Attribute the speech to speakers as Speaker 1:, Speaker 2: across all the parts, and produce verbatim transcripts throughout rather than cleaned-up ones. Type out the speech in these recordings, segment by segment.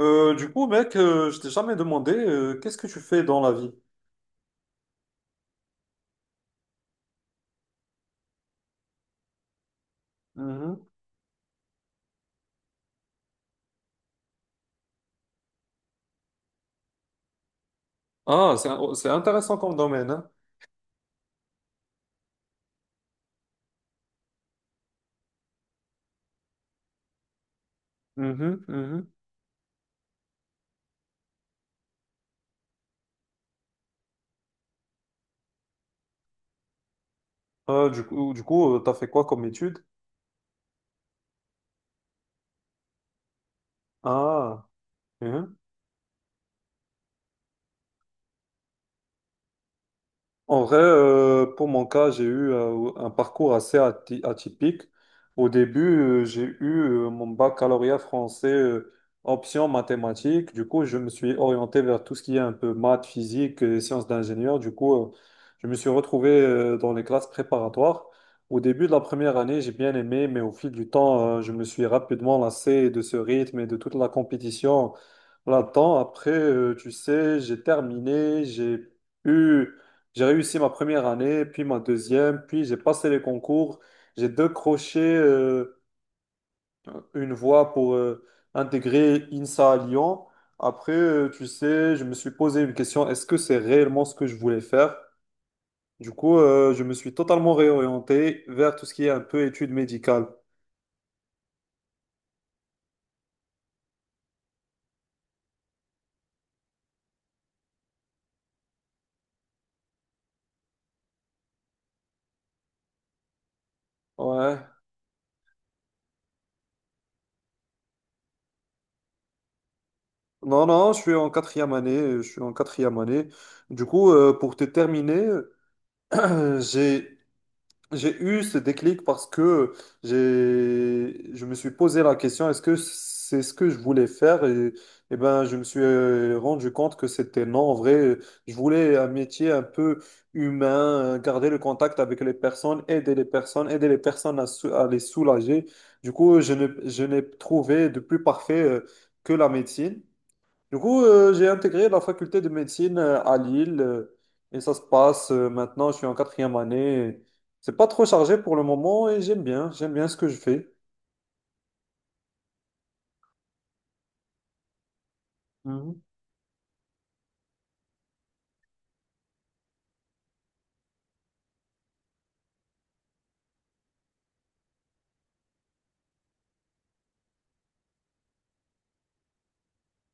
Speaker 1: Euh, du coup, mec, euh, je t'ai jamais demandé euh, qu'est-ce que tu fais dans la vie? Mhm. Ah, c'est un- c'est intéressant comme domaine, hein. Mhm, mhm. Euh, du coup, du coup, euh, t'as fait quoi comme étude? Ah. En vrai, euh, pour mon cas, j'ai eu euh, un parcours assez ati- atypique. Au début, euh, j'ai eu euh, mon baccalauréat français euh, option mathématiques. Du coup, je me suis orienté vers tout ce qui est un peu maths, physique, et sciences d'ingénieur. Du coup, euh, je me suis retrouvé euh, dans les classes préparatoires. Au début de la première année, j'ai bien aimé, mais au fil du temps, euh, je me suis rapidement lassé de ce rythme et de toute la compétition là-dedans. Après, euh, tu sais, j'ai terminé, j'ai eu j'ai réussi ma première année, puis ma deuxième, puis j'ai passé les concours. J'ai décroché euh, une voie pour euh, intégrer INSA à Lyon. Après, euh, tu sais, je me suis posé une question, est-ce que c'est réellement ce que je voulais faire? Du coup, euh, je me suis totalement réorienté vers tout ce qui est un peu études médicales. Ouais. Non, non, je suis en quatrième année. Je suis en quatrième année. Du coup, euh, pour te terminer, j'ai j'ai eu ce déclic parce que j'ai, je me suis posé la question, est-ce que c'est ce que je voulais faire? Et, et ben, je me suis euh, rendu compte que c'était non. En vrai, euh, je voulais un métier un peu humain, euh, garder le contact avec les personnes, aider les personnes, aider les personnes à, sou- à les soulager. Du coup, je ne, je n'ai trouvé de plus parfait euh, que la médecine. Du coup, euh, j'ai intégré la faculté de médecine euh, à Lille euh, et ça se passe euh, maintenant, je suis en quatrième année. C'est pas trop chargé pour le moment et j'aime bien, j'aime bien ce que je fais. Mhm,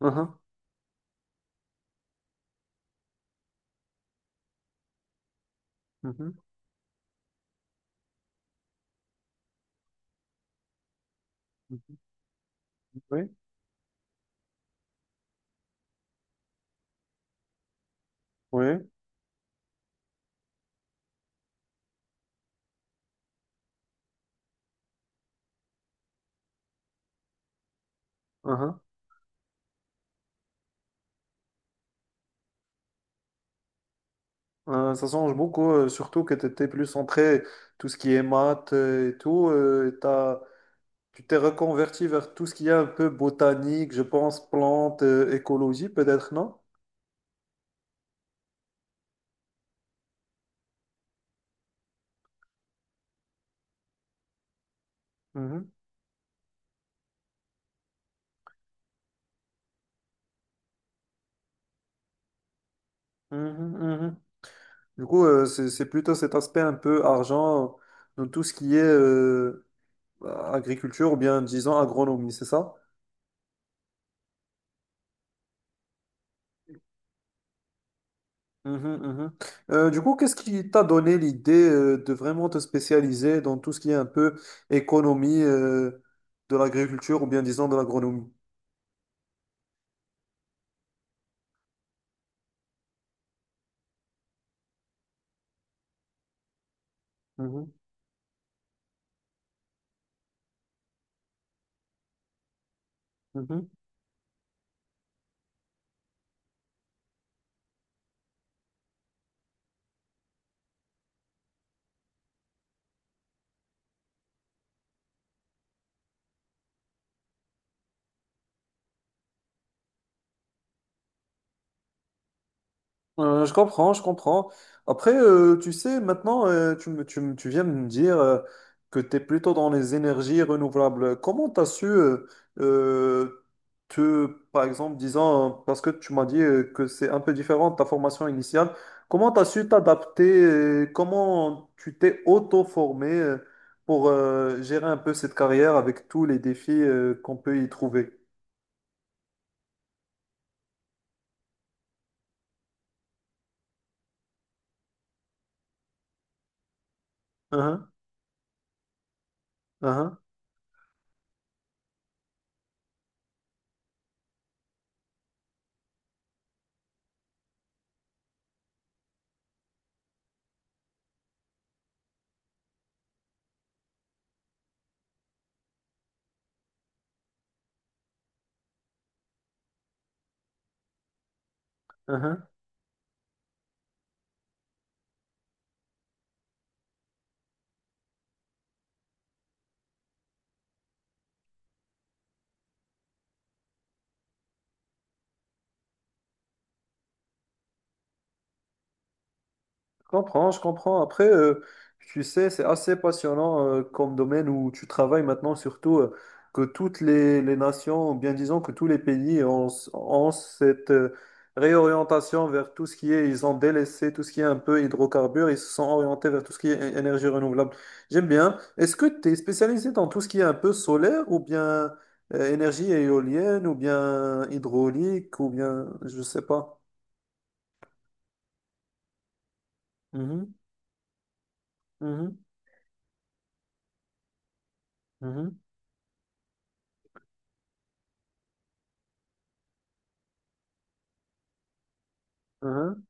Speaker 1: mhm, mhm, mhm. Oui, oui. Mhm. Euh, ça change beaucoup, euh, surtout que tu étais plus centré tout ce qui est maths euh, et tout. euh, et t'as- tu t'es reconverti vers tout ce qui est un peu botanique, je pense, plantes, euh, écologie peut-être, non? Mhm, mhm, mhm. Du coup, euh, c'est c'est plutôt cet aspect un peu argent dans tout ce qui est euh, agriculture ou bien disons agronomie, c'est ça? Mhm, mhm. Euh, du coup, qu'est-ce qui t'a donné l'idée euh, de vraiment te spécialiser dans tout ce qui est un peu économie euh, de l'agriculture ou bien disons de l'agronomie? Mhm, mhm. Euh, je comprends, je comprends. Après, euh, tu sais, maintenant, euh, tu, me- tu, me- tu viens de me dire euh, que tu es plutôt dans les énergies renouvelables. Comment tu as su, euh, euh, te, par exemple, disant, parce que tu m'as dit euh, que c'est un peu différent de ta formation initiale, comment tu as su t'adapter, euh, comment tu t'es auto-formé euh, pour euh, gérer un peu cette carrière avec tous les défis euh, qu'on peut y trouver? Uhum, uhum, uhum. Je comprends, je comprends. Après, euh, tu sais, c'est assez passionnant euh, comme domaine où tu travailles maintenant, surtout euh, que toutes les, les nations, ou bien disons que tous les pays ont, ont cette euh, réorientation vers tout ce qui est, ils ont délaissé tout ce qui est un peu hydrocarbures, ils se sont orientés vers tout ce qui est é- énergie renouvelable. J'aime bien. Est-ce que tu es spécialisé dans tout ce qui est un peu solaire ou bien euh, énergie éolienne ou bien hydraulique ou bien, je sais pas. Mhm, mhm, mhm, mhm.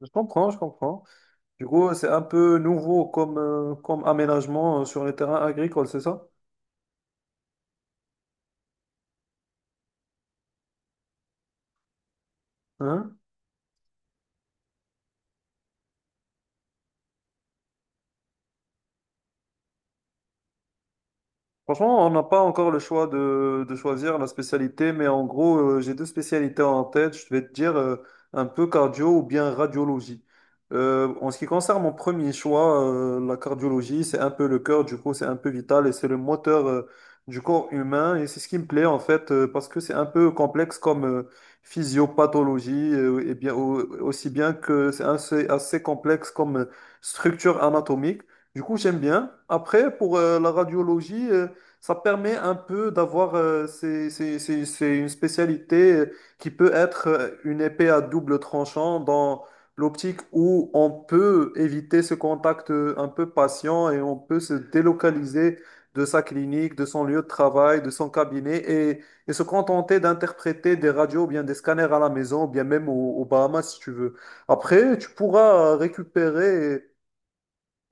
Speaker 1: Je comprends, je comprends. Du coup, c'est un peu nouveau comme, euh, comme aménagement euh, sur les terrains agricoles, c'est ça? Hein. Franchement, on n'a pas encore le choix de, de choisir la spécialité, mais en gros, euh, j'ai deux spécialités en tête. Je vais te dire euh, un peu cardio ou bien radiologie. Euh, en ce qui concerne mon premier choix, euh, la cardiologie, c'est un peu le cœur, du coup, c'est un peu vital et c'est le moteur euh, du corps humain. Et c'est ce qui me plaît en fait, euh, parce que c'est un peu complexe comme euh, physiopathologie, euh, et bien au- aussi bien que c'est assez, assez complexe comme euh, structure anatomique. Du coup, j'aime bien. Après, pour euh, la radiologie, euh, ça permet un peu d'avoir, euh, c'est c'est- c'est- c'est une spécialité euh, qui peut être euh, une épée à double tranchant dans l'optique où on peut éviter ce contact euh, un peu patient et on peut se délocaliser de sa clinique, de son lieu de travail, de son cabinet et, et se contenter d'interpréter des radios ou bien des scanners à la maison ou bien même au- aux Bahamas si tu veux. Après, tu pourras récupérer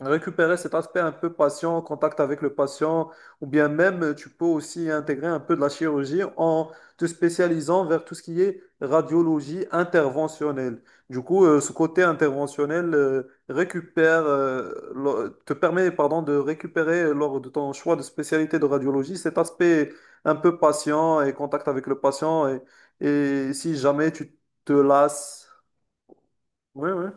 Speaker 1: récupérer cet aspect un peu patient, contact avec le patient, ou bien même euh, tu peux aussi intégrer un peu de la chirurgie en te spécialisant vers tout ce qui est radiologie interventionnelle. Du coup, euh, ce côté interventionnel euh, récupère, euh, lo- te permet, pardon, de récupérer lors de ton choix de spécialité de radiologie cet aspect un peu patient et contact avec le patient et, et si jamais tu te lasses. Oui, oui.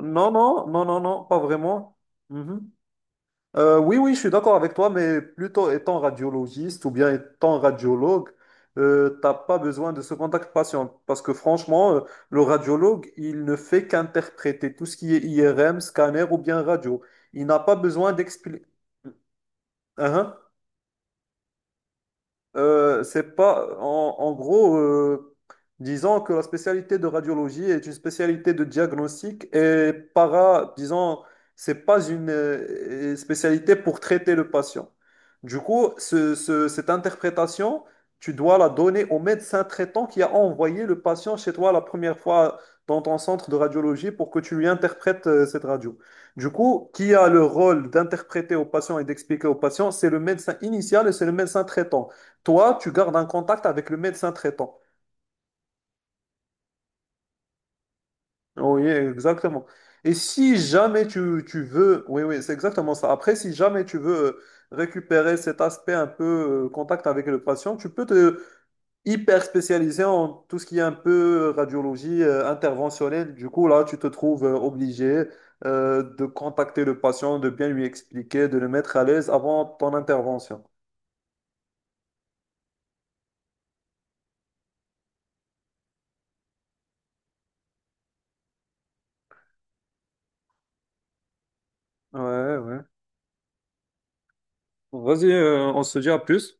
Speaker 1: Non, non, non, non, non, pas vraiment. Mhm. Euh, oui, oui, je suis d'accord avec toi, mais plutôt étant radiologiste ou bien étant radiologue, euh, t'as pas besoin de ce contact patient parce que franchement, euh, le radiologue, il ne fait qu'interpréter tout ce qui est I R M, scanner ou bien radio. Il n'a pas besoin d'expliquer. Euh, c'est pas, en, en gros, euh, disons que la spécialité de radiologie est une spécialité de diagnostic et para, disons, c'est pas une euh, spécialité pour traiter le patient. Du coup, ce- ce- cette interprétation, tu dois la donner au médecin traitant qui a envoyé le patient chez toi la première fois dans ton centre de radiologie pour que tu lui interprètes euh, cette radio. Du coup, qui a le rôle d'interpréter au patient et d'expliquer au patient? C'est le médecin initial et c'est le médecin traitant toi, tu gardes un contact avec le médecin traitant. Oui, exactement. Et si jamais tu, tu veux, oui, oui, c'est exactement ça. Après, si jamais tu veux euh, récupérer cet aspect un peu euh, contact avec le patient, tu peux te hyper spécialiser en tout ce qui est un peu euh, radiologie euh, interventionnelle. Du coup, là, tu te trouves euh, obligé euh, de contacter le patient, de bien lui expliquer, de le mettre à l'aise avant ton intervention. Ouais, ouais. Vas-y, euh, on se dit à plus.